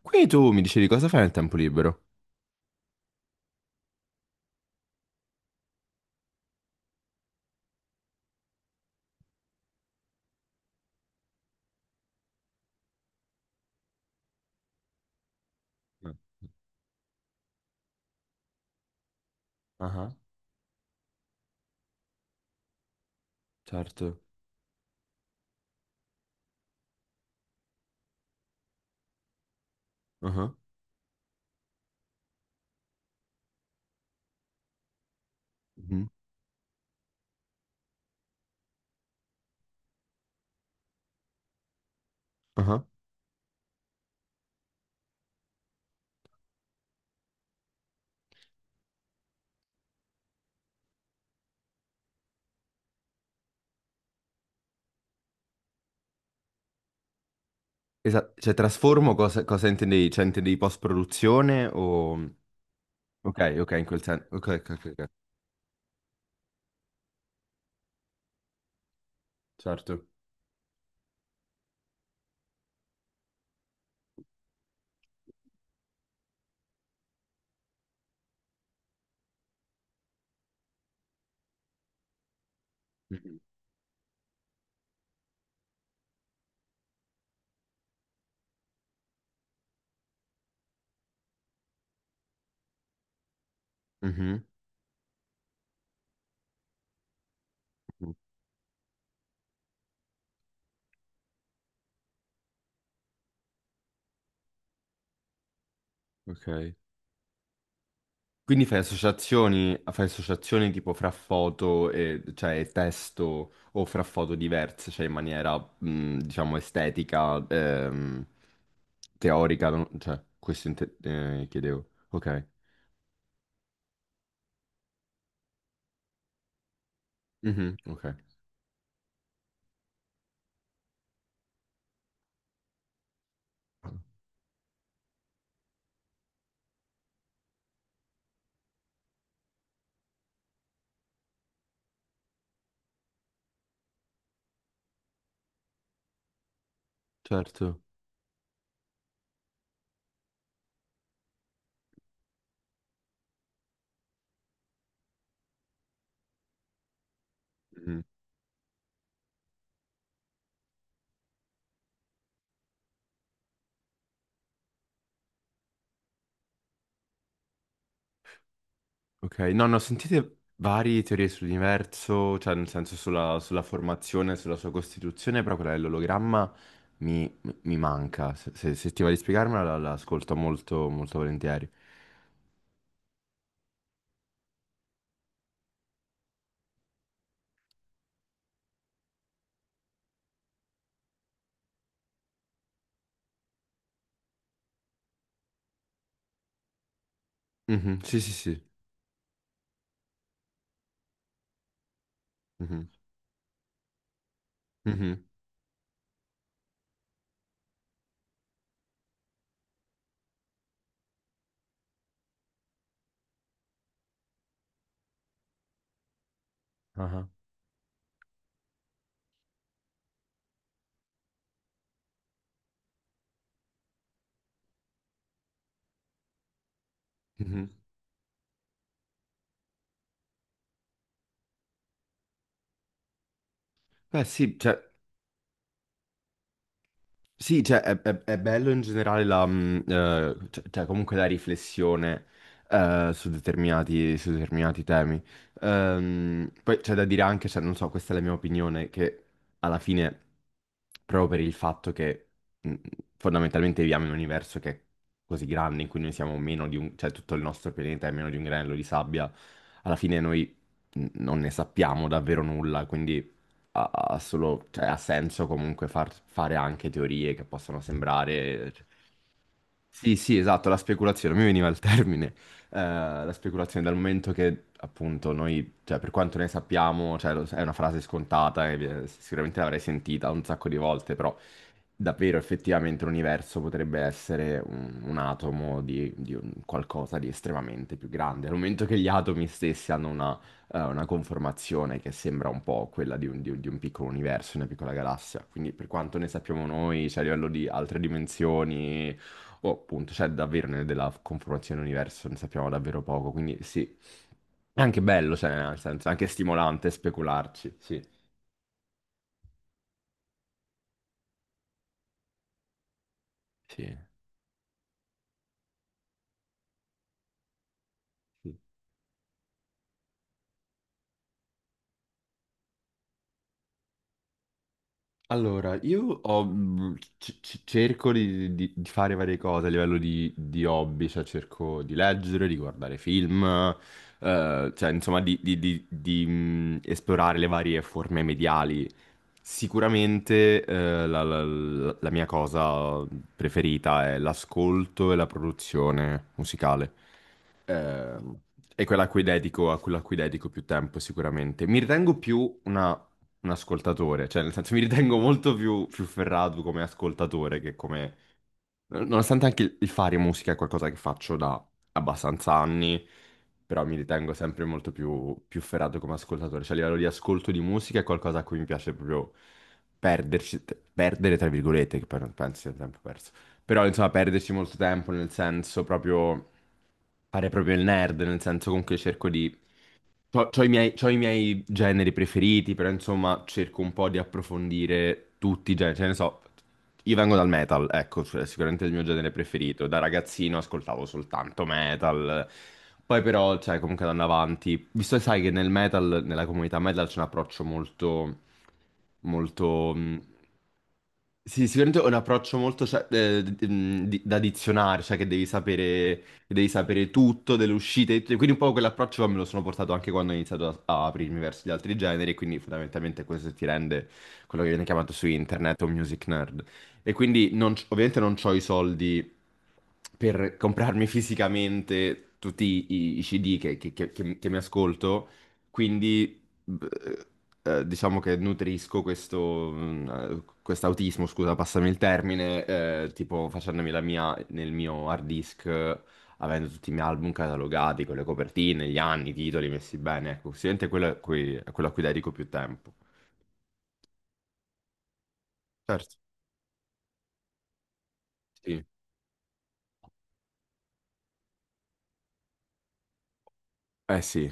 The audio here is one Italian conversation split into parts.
Quindi tu mi dicevi cosa fai nel tempo libero? Ah, ah, certo. Ah, mhm, ah. Cioè trasformo cosa intendevi? Cioè intendevi post-produzione o. Ok, ok, in quel senso. Ok, ok, ok, ok, certo. Mhm, mhm, mhm, ok. Quindi fai associazioni tipo fra foto e, cioè, e testo o fra foto diverse, cioè in maniera, diciamo, estetica, teorica, cioè, questo chiedevo. Ok. Mhm, ok. Certo. Mhm, ok. No, no, sentite varie teorie sull'universo, cioè nel senso sulla formazione, sulla sua costituzione, però quella dell'ologramma mi manca. Se ti va di spiegarmela, la ascolto molto, molto volentieri. Mh-mh. Sì, sì, sì. Mh-mh. Mh-mh. Ah-ah. Mh-mh. Beh sì, cioè. Sì, cioè, è bello in generale cioè, comunque la riflessione su determinati temi. Poi c'è da dire anche, cioè, non so, questa è la mia opinione, che alla fine, proprio per il fatto che mh, fondamentalmente viviamo in un universo che è così grande, in cui noi siamo meno di cioè tutto il nostro pianeta è meno di un granello di sabbia, alla fine noi non ne sappiamo davvero nulla, quindi cioè, ha senso comunque far fare anche teorie che possono sembrare. Sì, sì, esatto, la speculazione, mi veniva il termine, eh, la speculazione dal momento che appunto noi, cioè per quanto ne sappiamo, cioè, è una frase scontata, e sicuramente l'avrei sentita un sacco di volte, però davvero effettivamente l'universo potrebbe essere un, atomo di un qualcosa di estremamente più grande, al momento che gli atomi stessi hanno una conformazione che sembra un po' quella di un piccolo universo, una piccola galassia, quindi per quanto ne sappiamo noi, cioè a livello di altre dimensioni o appunto, cioè davvero della conformazione dell'universo ne sappiamo davvero poco, quindi sì, è anche bello, cioè, nel senso, è anche stimolante specularci, sì, sì. Sì. Allora, io cerco di, di fare varie cose a livello di hobby, cioè cerco di leggere, di guardare film, cioè insomma di, di esplorare le varie forme mediali. Sicuramente la mia cosa preferita è l'ascolto e la produzione musicale. Eh, è quella a quella a cui dedico più tempo sicuramente. Mi ritengo più un ascoltatore, cioè nel senso mi ritengo molto più ferrato come ascoltatore che come. Nonostante anche il fare musica è qualcosa che faccio da abbastanza anni, però mi ritengo sempre molto più ferrato come ascoltatore, cioè a livello di ascolto di musica è qualcosa a cui mi piace proprio perderci, perdere tra virgolette, che poi non penso sia tempo perso, però insomma perderci molto tempo nel senso proprio fare proprio il nerd, nel senso comunque cerco di. C'ho i miei generi preferiti, però insomma cerco un po' di approfondire tutti i generi. Cioè, ne so, io vengo dal metal, ecco, cioè, sicuramente è il mio genere preferito. Da ragazzino ascoltavo soltanto metal. Poi però, cioè, comunque andando avanti, visto che sai che nel metal, nella comunità metal c'è un approccio molto, molto. Sì sicuramente è un approccio molto cioè, da dizionario, cioè che devi sapere tutto delle uscite, e quindi un po' quell'approccio me lo sono portato anche quando ho iniziato a, aprirmi verso gli altri generi, e quindi fondamentalmente questo ti rende quello che viene chiamato su internet un music nerd. E quindi non ovviamente non ho i soldi per comprarmi fisicamente tutti i CD che mi ascolto, quindi eh, diciamo che nutrisco quest'autismo, scusa, passami il termine, tipo facendomi la mia nel mio hard disk, avendo tutti i miei album catalogati, con le copertine, gli anni, i titoli messi bene, ecco, sicuramente quello è quello a cui dedico più tempo. Certo. Sì. Eh sì,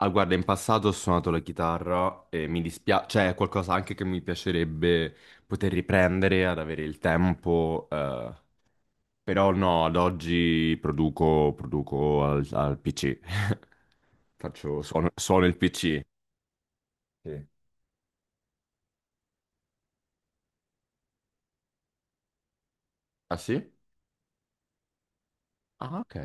ah guarda, in passato ho suonato la chitarra e mi dispiace, cioè è qualcosa anche che mi piacerebbe poter riprendere ad avere il tempo. Però no, ad oggi produco al PC. Faccio, suono, suono il PC. Sì. Ah sì? Ah, ok.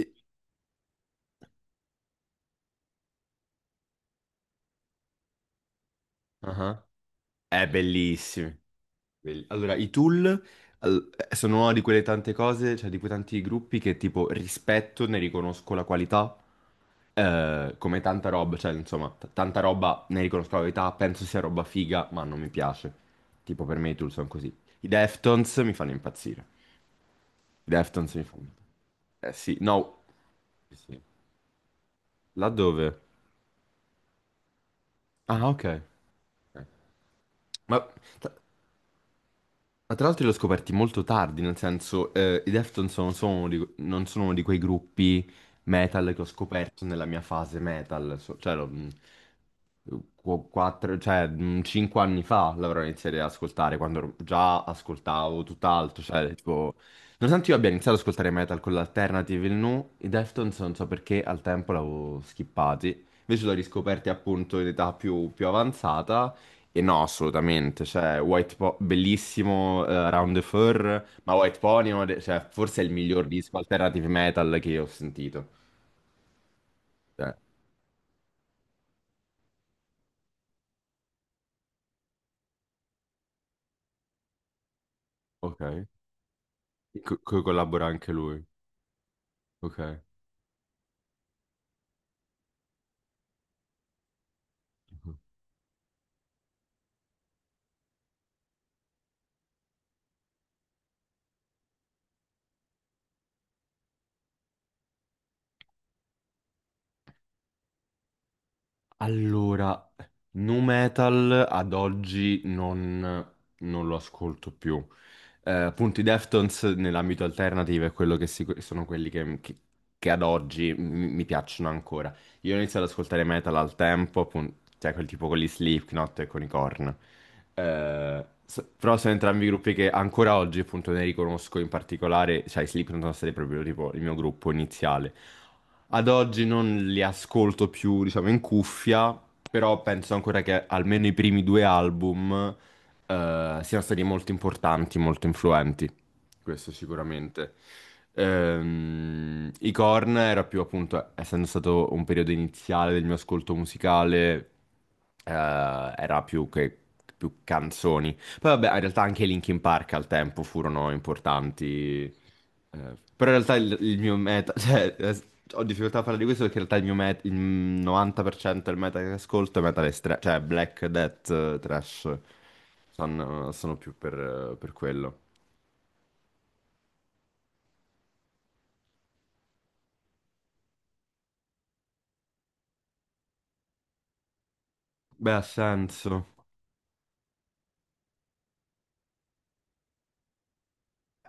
E- ah, è bellissimo. Allora, i Tool sono una di quelle tante cose, cioè di quei tanti gruppi che tipo rispetto, ne riconosco la qualità, come tanta roba, cioè insomma, tanta roba ne riconosco la qualità, penso sia roba figa, ma non mi piace. Tipo per me i Tool sono così. I Deftones mi fanno impazzire. Deftones in fondo. Eh sì, no. Sì. Sì. Laddove? Ah, ok. Eh. Ma t- Ma tra l'altro li ho scoperti molto tardi, nel senso, i Deftones non sono uno di quei gruppi metal che ho scoperto nella mia fase metal, cioè, cioè, 5 anni fa l'avrò iniziato ad ascoltare, quando già ascoltavo tutt'altro, cioè, tipo. Nonostante io abbia iniziato ad ascoltare metal con l'alternative e i Deftones non so perché al tempo l'avevo skippati, invece l'ho riscoperti appunto in età più avanzata e no, assolutamente, cioè, bellissimo, Round the Fur, ma White Pony, è cioè, forse è il miglior disco alternative metal che io ho sentito. Cioè, ok. Collabora anche lui. Ok. Mhm. Allora, nu metal ad oggi non lo ascolto più. Appunto, i Deftones nell'ambito alternative è quello che sicu- sono quelli che ad oggi mi piacciono ancora. Io ho iniziato ad ascoltare metal al tempo, appunto, cioè quel tipo con gli Slipknot e con i Korn. Però sono entrambi gruppi che ancora oggi, appunto, ne riconosco in particolare, cioè i Slipknot sono stati proprio tipo il mio gruppo iniziale. Ad oggi non li ascolto più, diciamo, in cuffia, però penso ancora che almeno i primi due album, siano stati molto importanti, molto influenti questo sicuramente. I Korn era più appunto, essendo stato un periodo iniziale del mio ascolto musicale, eh, era più che più canzoni. Poi vabbè, in realtà anche i Linkin Park al tempo furono importanti. Però in realtà il, mio meta, cioè, ho difficoltà a parlare di questo perché in realtà il mio meta, il 90% del meta che ascolto è metal cioè Black Death, Trash, sono più per quello. Beh, ha senso.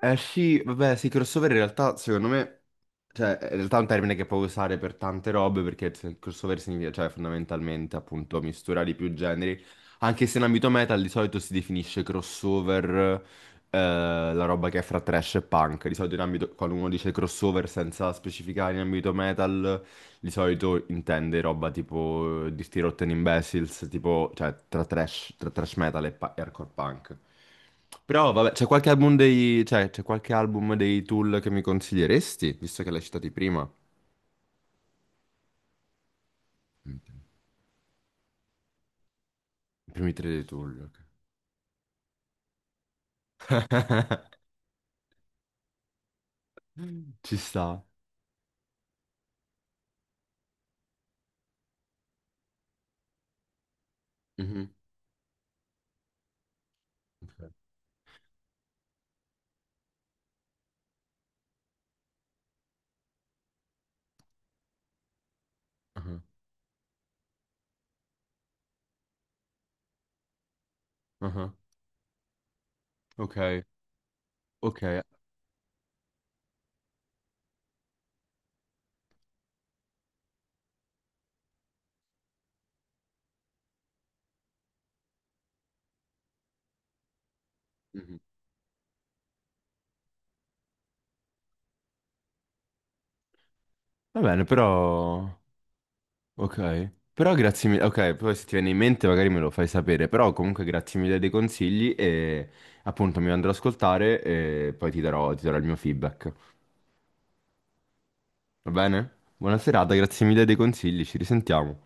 Eh sì, vabbè, sì, crossover in realtà, secondo me, cioè, in realtà è un termine che puoi usare per tante robe, perché crossover significa, cioè, fondamentalmente, appunto, misturare i più generi, anche se in ambito metal di solito si definisce crossover, la roba che è fra trash e punk, di solito in ambito, quando uno dice crossover senza specificare in ambito metal, di solito intende roba tipo di Sti Rotten Imbeciles, tipo, cioè, tra trash metal e hardcore punk. Però vabbè, c'è qualche album dei, cioè, c'è qualche album dei Tool che mi consiglieresti, visto che l'hai citati prima? Mm. I primi tre dei Tool. Ok. Ci sta. Mhm. Ok. Ah, ah, ah. Ok. Ok. Mhm. Va bene, però. Ok. Però grazie mille. Ok, poi se ti viene in mente magari me lo fai sapere, però comunque grazie mille dei consigli e appunto mi andrò ad ascoltare e poi ti darò, il mio feedback. Va bene? Buona serata, grazie mille dei consigli, ci risentiamo.